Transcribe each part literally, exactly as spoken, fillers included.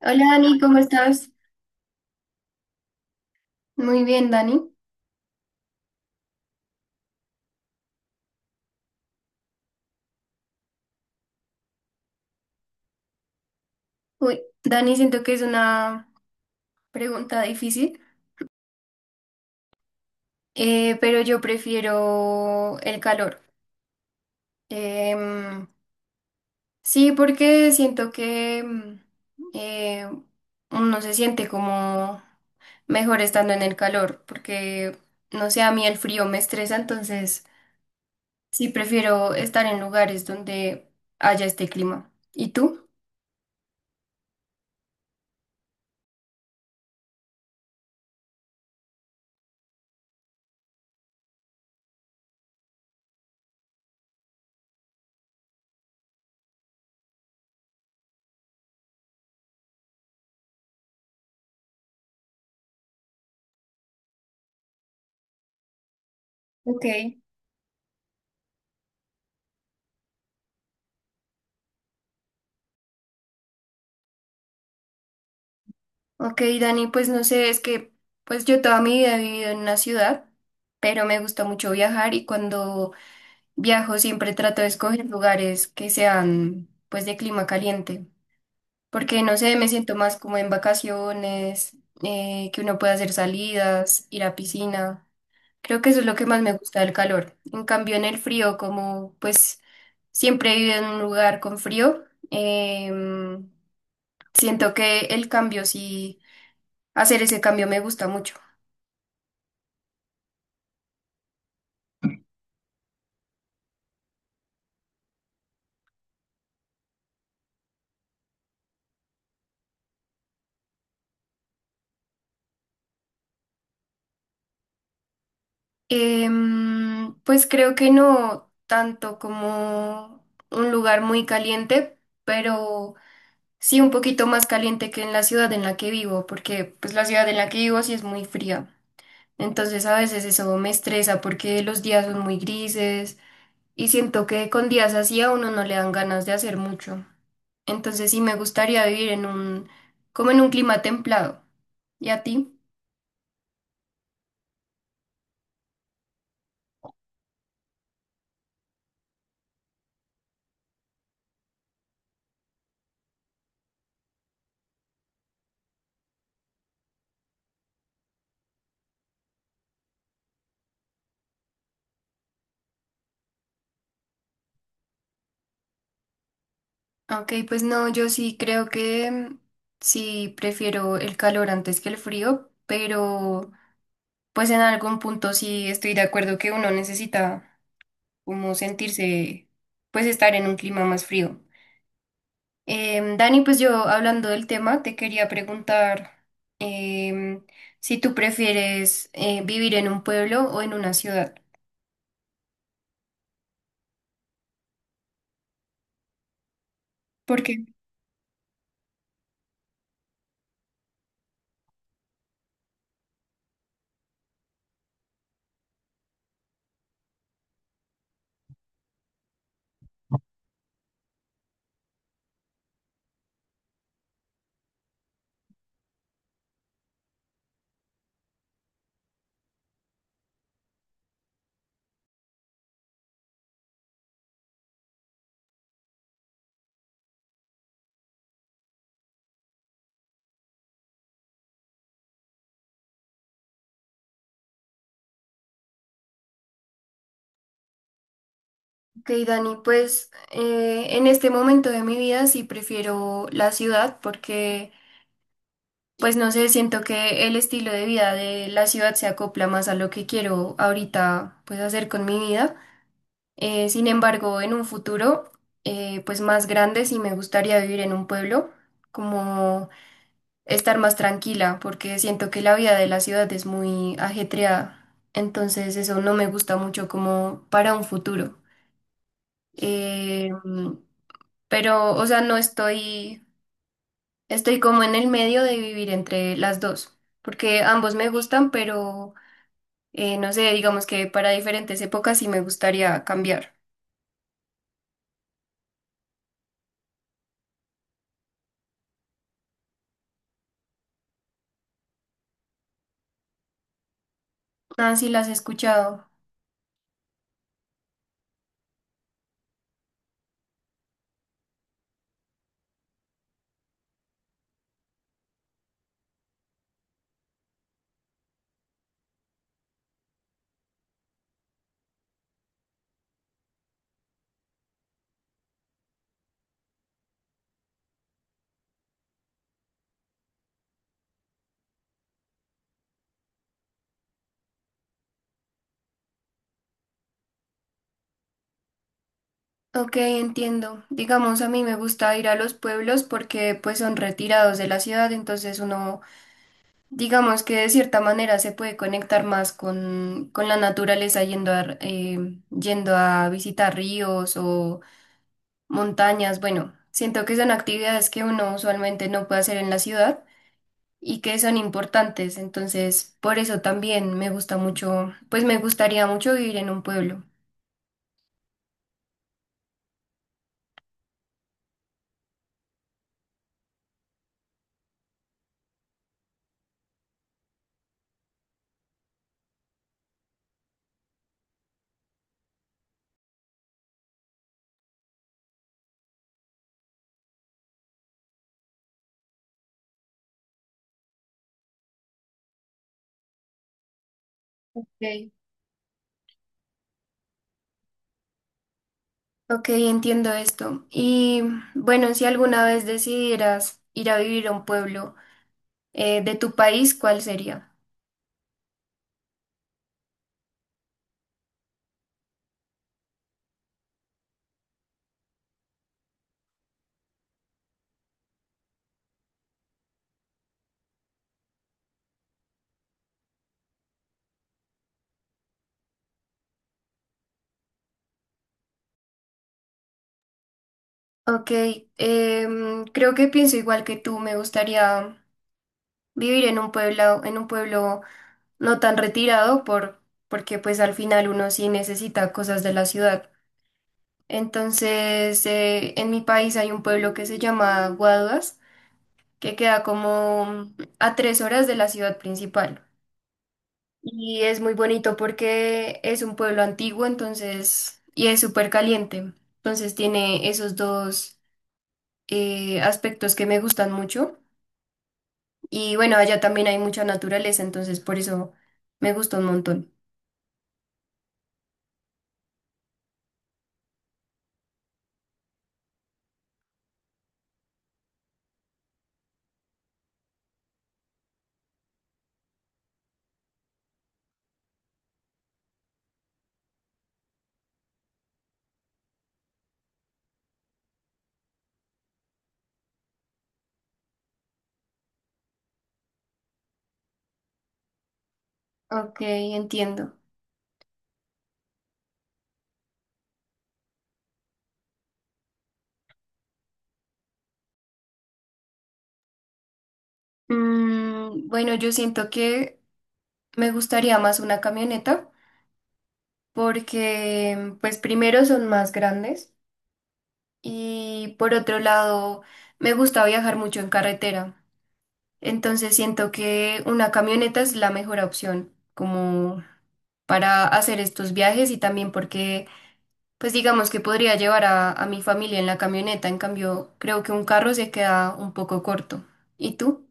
Hola Dani, ¿cómo estás? Muy bien, Dani. Uy, Dani, siento que es una pregunta difícil, eh, pero yo prefiero el calor. Em, sí, porque siento que mm, eh, uno se siente como mejor estando en el calor, porque no sé, a mí el frío me estresa, entonces sí prefiero estar en lugares donde haya este clima. ¿Y tú? Ok. Ok, Dani, pues no sé, es que pues yo toda mi vida he vivido en una ciudad, pero me gusta mucho viajar y cuando viajo siempre trato de escoger lugares que sean pues de clima caliente, porque no sé, me siento más como en vacaciones, eh, que uno pueda hacer salidas, ir a piscina. Creo que eso es lo que más me gusta del calor. En cambio, en el frío, como pues siempre he vivido en un lugar con frío, em, siento que el cambio sí, hacer ese cambio me gusta mucho. Em, pues creo que no tanto como un lugar muy caliente, pero sí un poquito más caliente que en la ciudad en la que vivo, porque pues la ciudad en la que vivo sí es muy fría. Entonces a veces eso me estresa porque los días son muy grises y siento que con días así a uno no le dan ganas de hacer mucho. Entonces sí me gustaría vivir en un, como en un clima templado. ¿Y a ti? Ok, pues no, yo sí creo que mm, sí prefiero el calor antes que el frío, pero pues en algún punto sí estoy de acuerdo que uno necesita como sentirse, pues estar en un clima más frío. Em, Dani, pues yo hablando del tema, te quería preguntar em, si tú prefieres eh, vivir en un pueblo o en una ciudad. Porque, ok, Dani, pues eh, en este momento de mi vida sí prefiero la ciudad porque... Pues no sé, siento que el estilo de vida de la ciudad se acopla más a lo que quiero ahorita pues hacer con mi vida. Eh, sin embargo, en un futuro eh, pues más grande sí me gustaría vivir en un pueblo, como estar más tranquila, porque siento que la vida de la ciudad es muy ajetreada. Entonces eso no me gusta mucho como para un futuro. Eh, pero, o sea, no estoy estoy como en el medio de vivir entre las dos, porque ambos me gustan, pero eh, no sé, digamos que para diferentes épocas sí me gustaría cambiar. Ah, sí, las he escuchado. Ok, entiendo. Digamos, a mí me gusta ir a los pueblos porque pues son retirados de la ciudad, entonces uno, digamos que de cierta manera se puede conectar más con, con la naturaleza yendo a, eh, yendo a visitar ríos o montañas. Bueno, siento que son actividades que uno usualmente no puede hacer en la ciudad y que son importantes. Entonces, por eso también me gusta mucho, pues me gustaría mucho vivir en un pueblo. Ok. Ok, entiendo esto. Y bueno, si alguna vez decidieras ir a vivir a un pueblo eh, de tu país, ¿cuál sería? Ok, em, creo que pienso igual que tú. Me gustaría vivir en un pueblo, en un pueblo no tan retirado por, porque pues al final uno sí necesita cosas de la ciudad. Entonces, eh, en mi país hay un pueblo que se llama Guaduas, que queda como a tres horas de la ciudad principal. Y es muy bonito porque es un pueblo antiguo, entonces, y es súper caliente. Entonces tiene esos dos eh, aspectos que me gustan mucho. Y bueno, allá también hay mucha naturaleza, entonces por eso me gusta un montón. Ok, entiendo. Mm, bueno, yo siento que me gustaría más una camioneta porque pues primero son más grandes y por otro lado me gusta viajar mucho en carretera, entonces siento que una camioneta es la mejor opción como para hacer estos viajes y también porque pues digamos que podría llevar a, a mi familia en la camioneta, en cambio creo que un carro se queda un poco corto. ¿Y tú?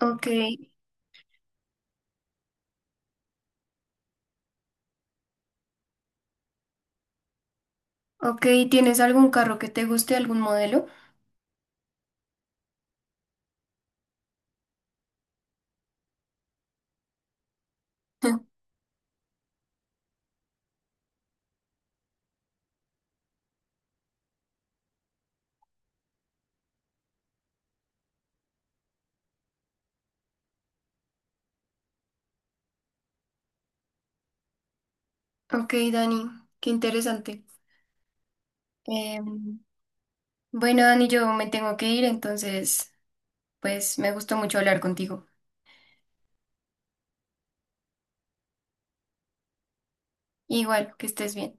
Ok, ok, ¿tienes algún carro que te guste, algún modelo? Ok, Dani, qué interesante. Em, Bueno, Dani, yo me tengo que ir, entonces, pues me gustó mucho hablar contigo. Igual, que estés bien.